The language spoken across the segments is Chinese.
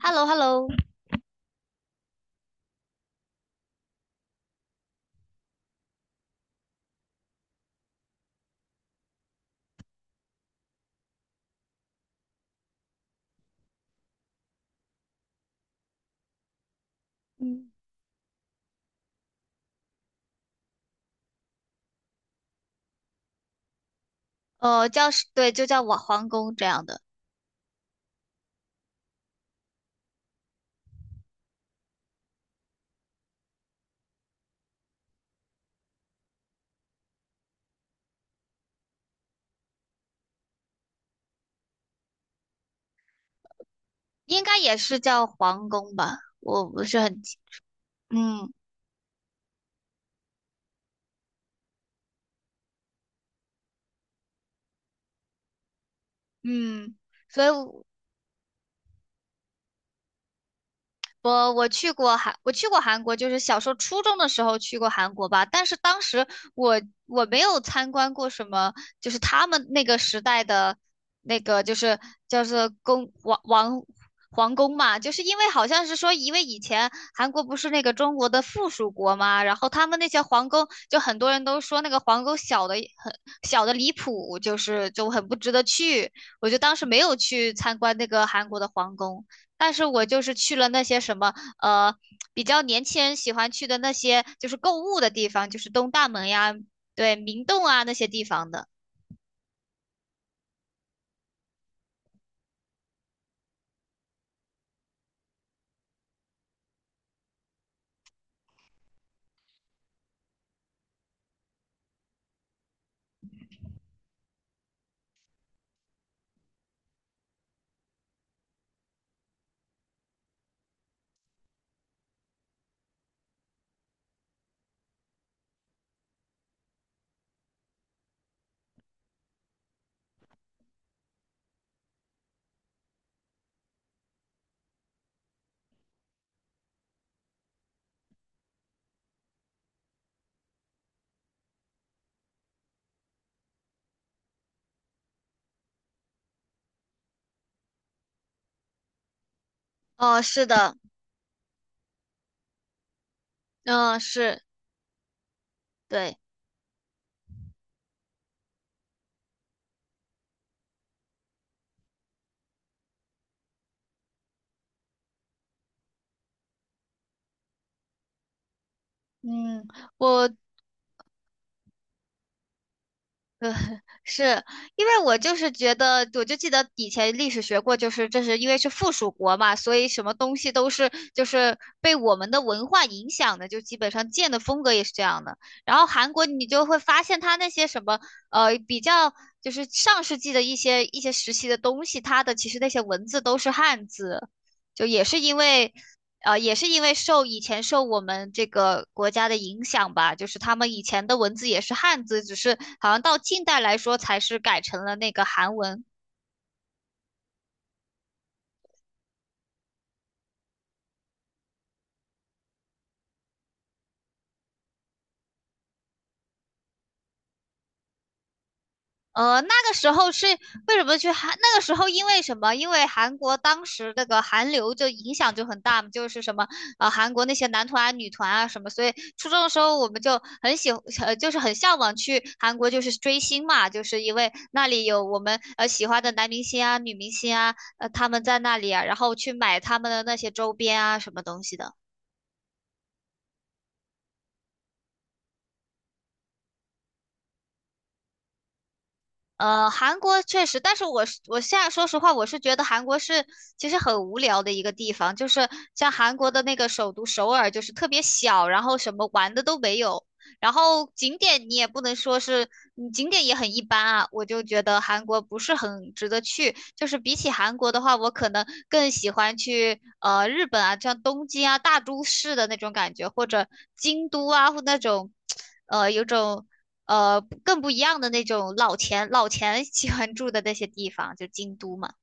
h e l l o h e l l o。 嗯，叫是，对，就叫我皇宫这样的。应该也是叫皇宫吧，我不是很清。嗯嗯，所以我去过韩，我去过韩国，就是小时候初中的时候去过韩国吧。但是当时我我没有参观过什么，就是他们那个时代的那个就是叫做宫王王皇宫嘛。就是因为好像是说，因为以前韩国不是那个中国的附属国嘛，然后他们那些皇宫，就很多人都说那个皇宫很小的离谱，就是就很不值得去。我就当时没有去参观那个韩国的皇宫。但是我就是去了那些什么呃，比较年轻人喜欢去的那些就是购物的地方，就是东大门呀。对，明洞啊那些地方的。哦，是的。嗯，是，对。嗯，我呃，是因为我就是觉得，我就记得以前历史学过，就是这是因为是附属国嘛，所以什么东西都是就是被我们的文化影响的，就基本上建的风格也是这样的。然后韩国你就会发现它那些什么比较就是上世纪的一些时期的东西，它的其实那些文字都是汉字，就也是因为也是因为受以前受我们这个国家的影响吧，就是他们以前的文字也是汉字，只是好像到近代来说才是改成了那个韩文。那个时候是为什么去韩？那个时候因为什么？因为韩国当时那个韩流就影响就很大嘛，就是什么韩国那些男团啊、女团啊什么，所以初中的时候我们就很就是很向往去韩国就是追星嘛，就是因为那里有我们喜欢的男明星啊、女明星啊，他们在那里啊，然后去买他们的那些周边啊什么东西的。韩国确实，但是我是我现在说实话，我是觉得韩国是其实很无聊的一个地方，就是像韩国的那个首都首尔，就是特别小，然后什么玩的都没有，然后景点你也不能说是，景点也很一般啊，我就觉得韩国不是很值得去。就是比起韩国的话，我可能更喜欢去日本啊，像东京啊大都市的那种感觉，或者京都啊，或那种有种更不一样的那种老钱喜欢住的那些地方，就京都嘛。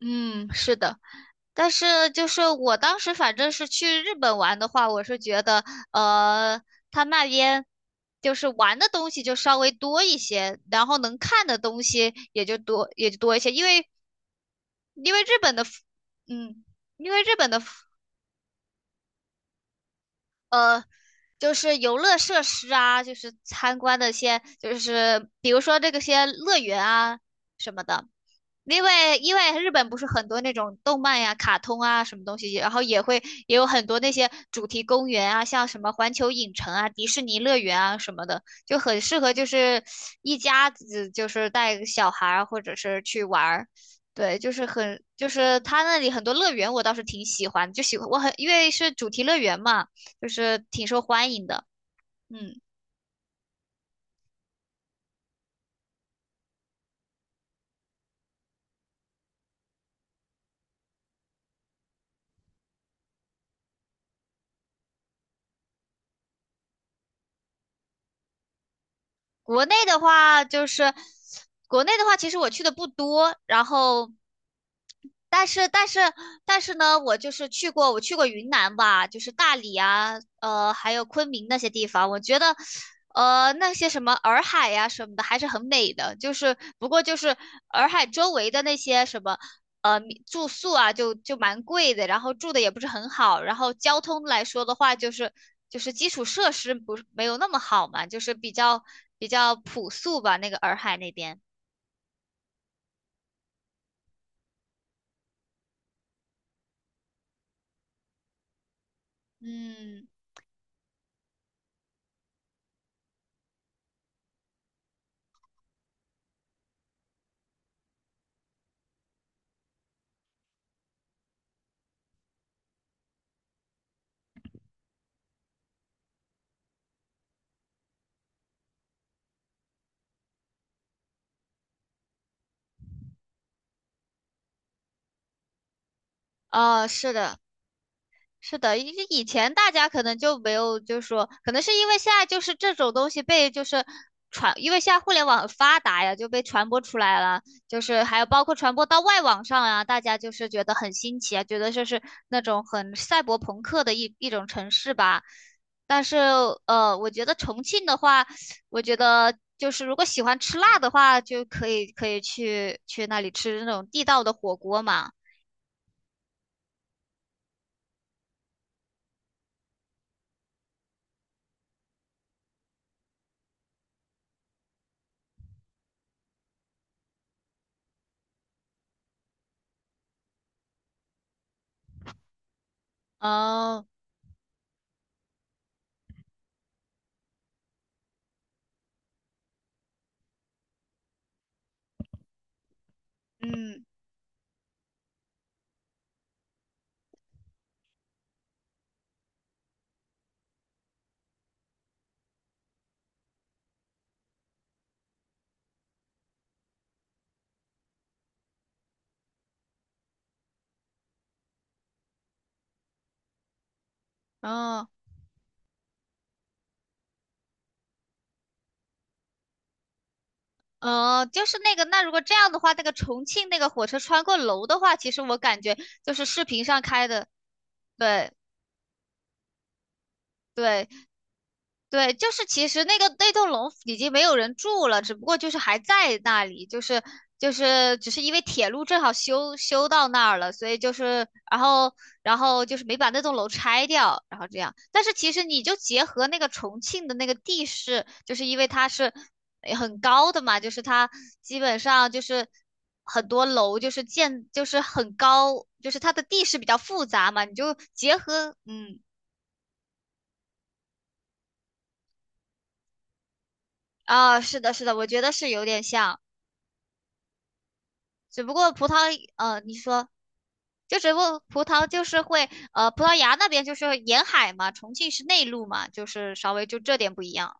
嗯，是的。但是就是我当时反正是去日本玩的话，我是觉得呃，他那边就是玩的东西就稍微多一些，然后能看的东西也就多一些，因为日本的 嗯，因为日本的 就是游乐设施啊，就是参观的一些就是比如说这个些乐园啊什么的。因为日本不是很多那种动漫呀、卡通啊什么东西，然后也有很多那些主题公园啊，像什么环球影城啊、迪士尼乐园啊什么的，就很适合就是一家子就是带个小孩儿或者是去玩儿。对，就是很就是他那里很多乐园我倒是挺喜欢，就喜欢我很因为是主题乐园嘛，就是挺受欢迎的。嗯。国内的话，就是国内的话，其实我去的不多，然后，但是但是但是呢，我就是去过，我去过云南吧，就是大理啊，还有昆明那些地方，我觉得，那些什么洱海呀、什么的还是很美的，就是不过就是洱海周围的那些什么。呃住宿啊就蛮贵的，然后住的也不是很好，然后交通来说的话，就是基础设施不是没有那么好嘛，就是比较朴素吧，那个洱海那边。嗯，是的。是的，以前大家可能就没有，就是说，可能是因为现在就是这种东西被就是传，因为现在互联网很发达呀，就被传播出来了，就是还有包括传播到外网上啊，大家就是觉得很新奇啊，觉得就是那种很赛博朋克的一种城市吧。但是我觉得重庆的话，我觉得就是如果喜欢吃辣的话，就可以去那里吃那种地道的火锅嘛。哦，嗯。哦，嗯，就是那个，那如果这样的话，那个重庆那个火车穿过楼的话，其实我感觉就是视频上开的。对对，对，就是其实那个那栋楼已经没有人住了，只不过就是还在那里，就是只是因为铁路正好修到那儿了，所以就是然后就是没把那栋楼拆掉，然后这样。但是其实你就结合那个重庆的那个地势，就是因为它是很高的嘛，就是它基本上就是很多楼就是建就是很高，就是它的地势比较复杂嘛，你就结合啊是的是的，我觉得是有点像。只不过葡萄，你说。就只不过葡萄就是会，葡萄牙那边就是沿海嘛，重庆是内陆嘛，就是稍微就这点不一样。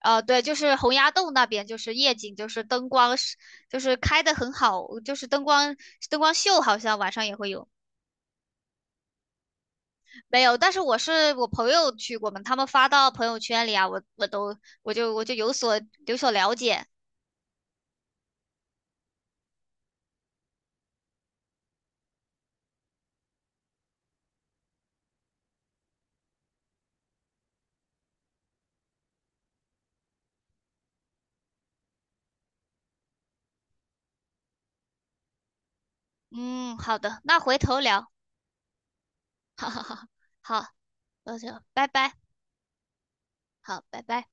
对，就是洪崖洞那边，就是夜景，就是灯光是，就是开的很好，就是灯光秀，好像晚上也会有。没有，但是我朋友去过嘛，他们发到朋友圈里啊，我都我就有所了解。嗯，好的，那回头聊。哈哈哈，好。那就拜拜。好，拜拜。